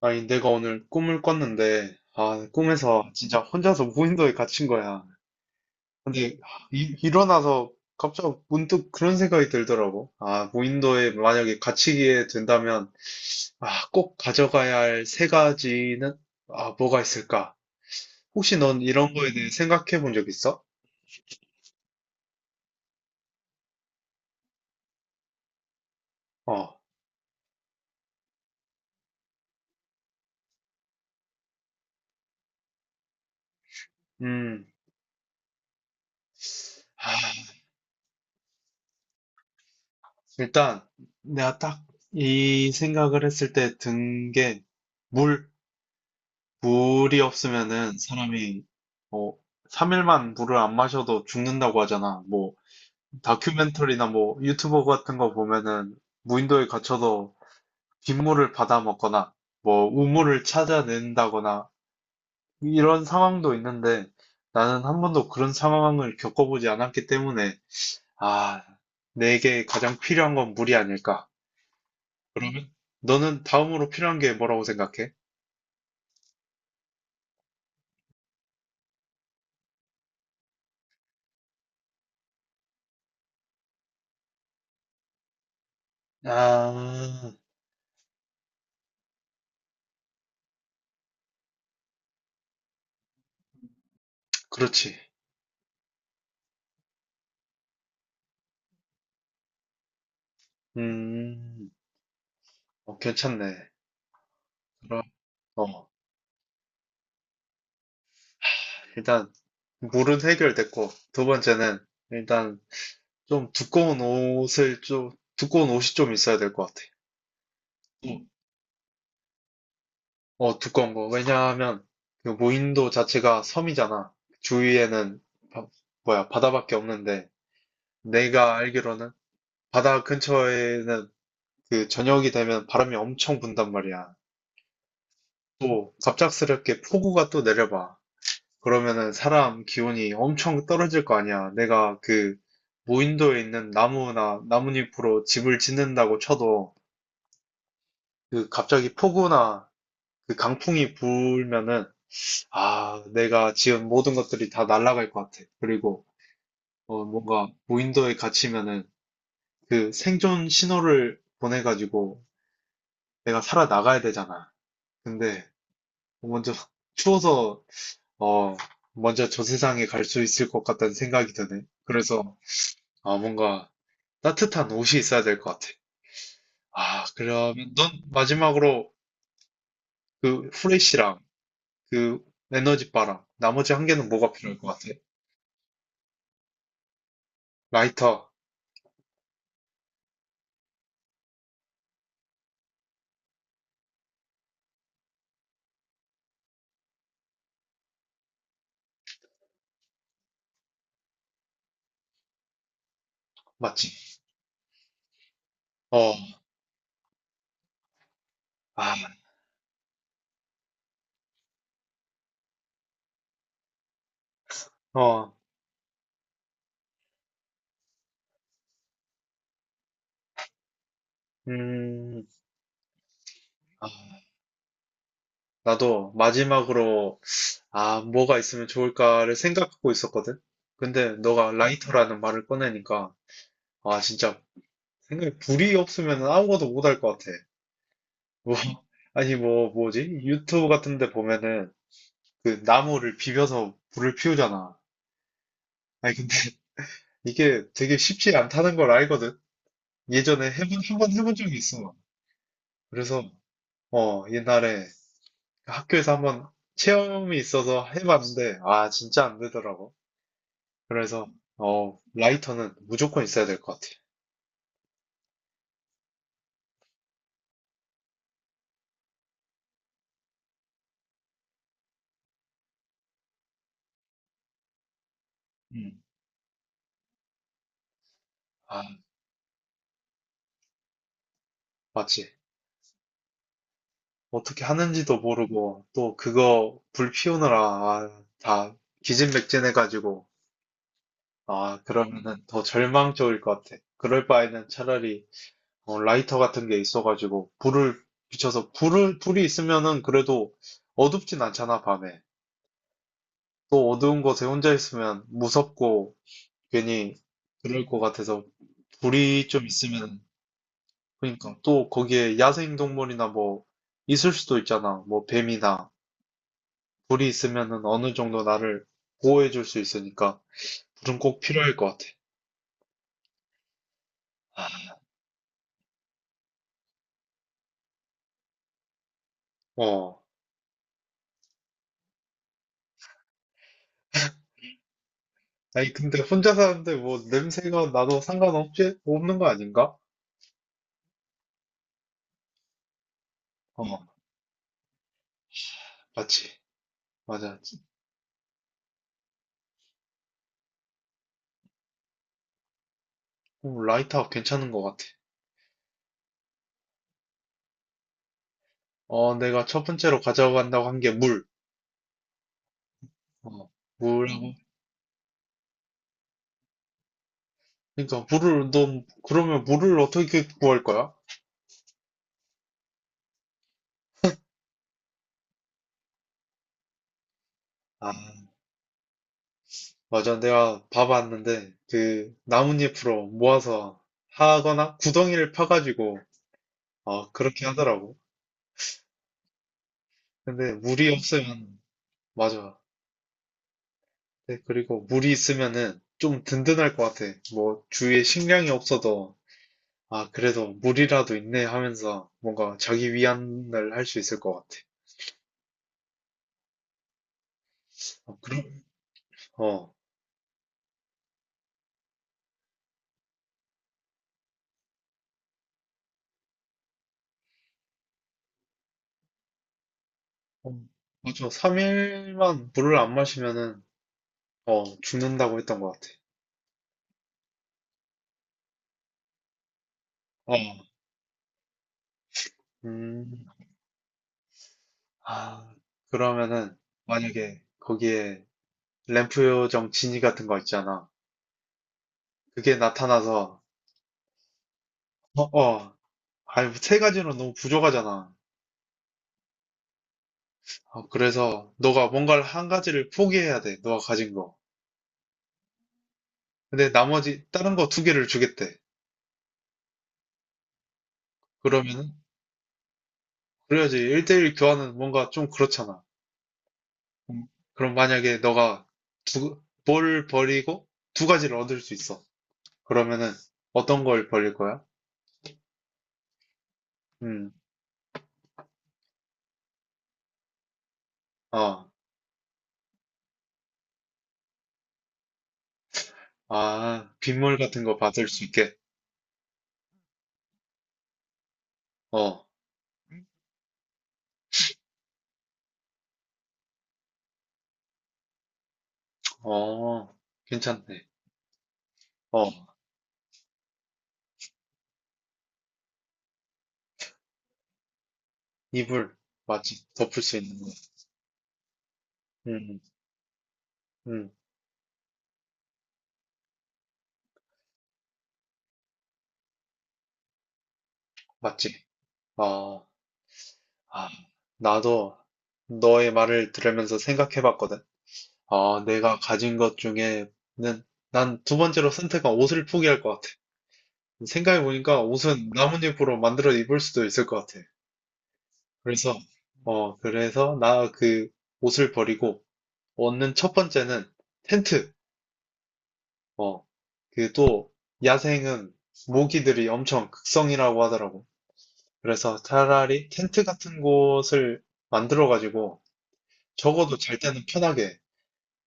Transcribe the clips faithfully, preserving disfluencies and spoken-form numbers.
아니, 내가 오늘 꿈을 꿨는데, 아, 꿈에서 진짜 혼자서 무인도에 갇힌 거야. 근데 아, 이- 일어나서 갑자기 문득 그런 생각이 들더라고. 아, 무인도에 만약에 갇히게 된다면, 아, 꼭 가져가야 할 세 가지는, 아, 뭐가 있을까? 혹시 넌 이런 거에 대해 생각해 본 적 있어? 어, 음, 아, 일단 내가 딱 이 생각을 했을 때 든 게, 물. 물이 없으면은 사람이 뭐 삼 일만 물을 안 마셔도 죽는다고 하잖아. 뭐 다큐멘터리나 뭐 유튜버 같은 거 보면은 무인도에 갇혀서 빗물을 받아 먹거나 뭐 우물을 찾아낸다거나 이런 상황도 있는데 나는 한 번도 그런 상황을 겪어보지 않았기 때문에 아, 내게 가장 필요한 건 물이 아닐까. 그러면 너는 다음으로 필요한 게 뭐라고 생각해? 아, 그렇지. 음. 어, 괜찮네. 그럼, 어, 일단, 물은 해결됐고, 두 번째는, 일단, 좀 두꺼운 옷을 좀, 두꺼운 옷이 좀 있어야 될 것 같아. 음. 어, 두꺼운 거. 왜냐하면, 그 무인도 자체가 섬이잖아. 주위에는, 바- 뭐야, 바다밖에 없는데, 내가 알기로는, 바다 근처에는, 그, 저녁이 되면 바람이 엄청 분단 말이야. 또, 갑작스럽게 폭우가 또 내려봐. 그러면은 사람 기온이 엄청 떨어질 거 아니야. 내가 그 무인도에 있는 나무나 나뭇잎으로 집을 짓는다고 쳐도 그 갑자기 폭우나 그 강풍이 불면은 아, 내가 지은 모든 것들이 다 날아갈 것 같아. 그리고 어, 뭔가 무인도에 갇히면은 그 생존 신호를 보내가지고 내가 살아나가야 되잖아. 근데 먼저 추워서 어, 먼저 저 세상에 갈 수 있을 것 같다는 생각이 드네. 그래서 아, 뭔가 따뜻한 옷이 있어야 될 것 같아. 아, 그러면 넌 마지막으로 그 후레쉬랑 그 에너지바랑 나머지 한 개는 뭐가 필요할 것 같아? 라이터, 맞지? 어, 아, 어, 음, 아, 나도 마지막으로 아, 뭐가 있으면 좋을까를 생각하고 있었거든? 근데 너가 라이터라는 말을 꺼내니까 아, 진짜 생각에 불이 없으면 아무것도 못할 것 같아. 뭐, 아니 뭐 뭐지? 유튜브 같은 데 보면은 그 나무를 비벼서 불을 피우잖아. 아니, 근데 이게 되게 쉽지 않다는 걸 알거든. 예전에 해본, 한 번 해본 적이 있어. 그래서, 어, 옛날에 학교에서 한번 체험이 있어서 해봤는데, 아, 진짜 안 되더라고. 그래서, 어, 라이터는 무조건 있어야 될 것 같아. 음. 아, 맞지. 어떻게 하는지도 모르고, 또 그거 불 피우느라, 아, 다 기진맥진해가지고, 아, 그러면은 더 절망적일 것 같아. 그럴 바에는 차라리 어, 라이터 같은 게 있어가지고 불을 비춰서 불을 불이 있으면은 그래도 어둡진 않잖아 밤에 또 어두운 곳에 혼자 있으면 무섭고 괜히 그럴 것 같아서 불이 좀 있으면 그러니까 또 거기에 야생동물이나 뭐 있을 수도 있잖아 뭐 뱀이나 불이 있으면은 어느 정도 나를 보호해 줄 수 있으니까 불은 꼭 필요할 것 같아 어 아니 근데 혼자 사는데 뭐 냄새가 나도 상관없지 없는 거 아닌가 어 맞지 맞아 오, 라이터 괜찮은 것 같아. 어, 내가 첫 번째로 가져간다고 한 게 물. 어, 물하고. 음. 그러니까 물을 너 그러면 물을 어떻게 구할 거야? 아, 맞아. 내가 봐봤는데 그 나뭇잎으로 모아서 하거나 구덩이를 파가지고 어, 그렇게 하더라고. 근데 물이 없으면 맞아. 네, 그리고 물이 있으면은 좀 든든할 것 같아. 뭐 주위에 식량이 없어도 아, 그래도 물이라도 있네 하면서 뭔가 자기 위안을 할 수 있을 것 같아. 어, 그럼 어, 어, 맞아. 삼 일만 물을 안 마시면은, 어, 죽는다고 했던 것 같아. 어. 음, 아, 그러면은, 만약에 거기에 램프 요정 지니 같은 거 있잖아. 그게 나타나서, 어, 어, 아니, 뭐 세 가지로 너무 부족하잖아. 어, 그래서 너가 뭔가를 한 가지를 포기해야 돼. 너가 가진 거. 근데 나머지 다른 거 두 개를 주겠대. 그러면은, 그래야지 일 대일 교환은 뭔가 좀 그렇잖아. 음, 그럼 만약에 너가 두, 뭘 버리고 두 가지를 얻을 수 있어. 그러면은 어떤 걸 버릴 거야? 음, 어, 아, 빗물 같은 거 받을 수 있게. 어, 어, 괜찮네. 어, 이불, 맞지? 덮을 수 있는 거. 음, 음, 맞지? 어, 아, 나도 너의 말을 들으면서 생각해 봤거든. 어, 내가 가진 것 중에는 난 두 번째로 선택한 옷을 포기할 것 같아. 생각해보니까 옷은 나뭇잎으로 만들어 입을 수도 있을 것 같아. 그래서, 어, 그래서 나 그 옷을 버리고 얻는 첫 번째는 텐트. 어, 그 또 야생은 모기들이 엄청 극성이라고 하더라고. 그래서 차라리 텐트 같은 곳을 만들어가지고 적어도 잘 때는 편하게.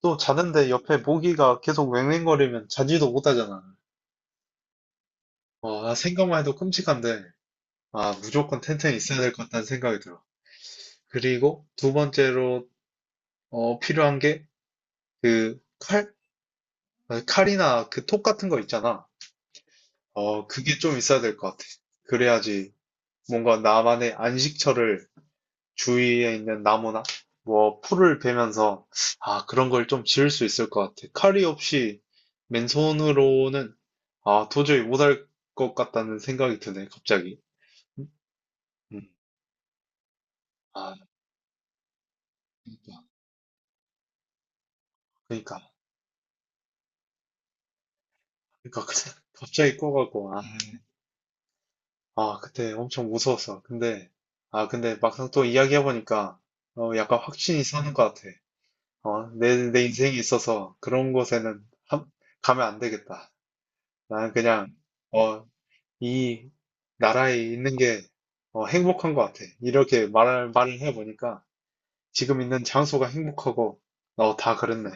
또 자는데 옆에 모기가 계속 웽웽거리면 자지도 못하잖아. 어, 아, 생각만 해도 끔찍한데, 아, 무조건 텐트에 있어야 될 것 같다는 생각이 들어. 그리고 두 번째로 어, 필요한 게 그 칼? 어, 칼이나 그 톱 같은 거 있잖아. 어, 그게 좀 있어야 될 것 같아. 그래야지 뭔가 나만의 안식처를 주위에 있는 나무나 뭐 풀을 베면서 아, 그런 걸 좀 지을 수 있을 것 같아. 칼이 없이 맨손으로는 아, 도저히 못할 것 같다는 생각이 드네, 갑자기. 음? 음. 아, 그러니까, 그러니까, 그러니까 갑자기 꺼가고, 아. 아, 그때 엄청 무서웠어. 근데, 아, 근데 막상 또 이야기해보니까, 어, 약간 확신이 사는 것 같아. 어, 내, 내 인생에 있어서 그런 곳에는 함- 가면 안 되겠다. 나는 그냥, 어, 이 나라에 있는 게, 어, 행복한 것 같아. 이렇게 말을, 말을 해보니까, 지금 있는 장소가 행복하고, 어, 다 그렇네.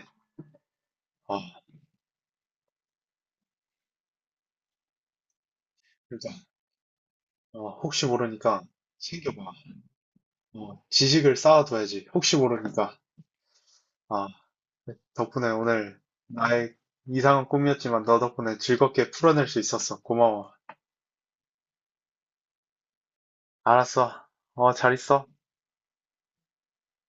어, 그러니까, 어, 혹시 모르니까, 챙겨봐. 어, 지식을 쌓아둬야지. 혹시 모르니까. 아, 덕분에 오늘 나의 이상한 꿈이었지만 너 덕분에 즐겁게 풀어낼 수 있었어. 고마워. 알았어. 어, 잘 있어.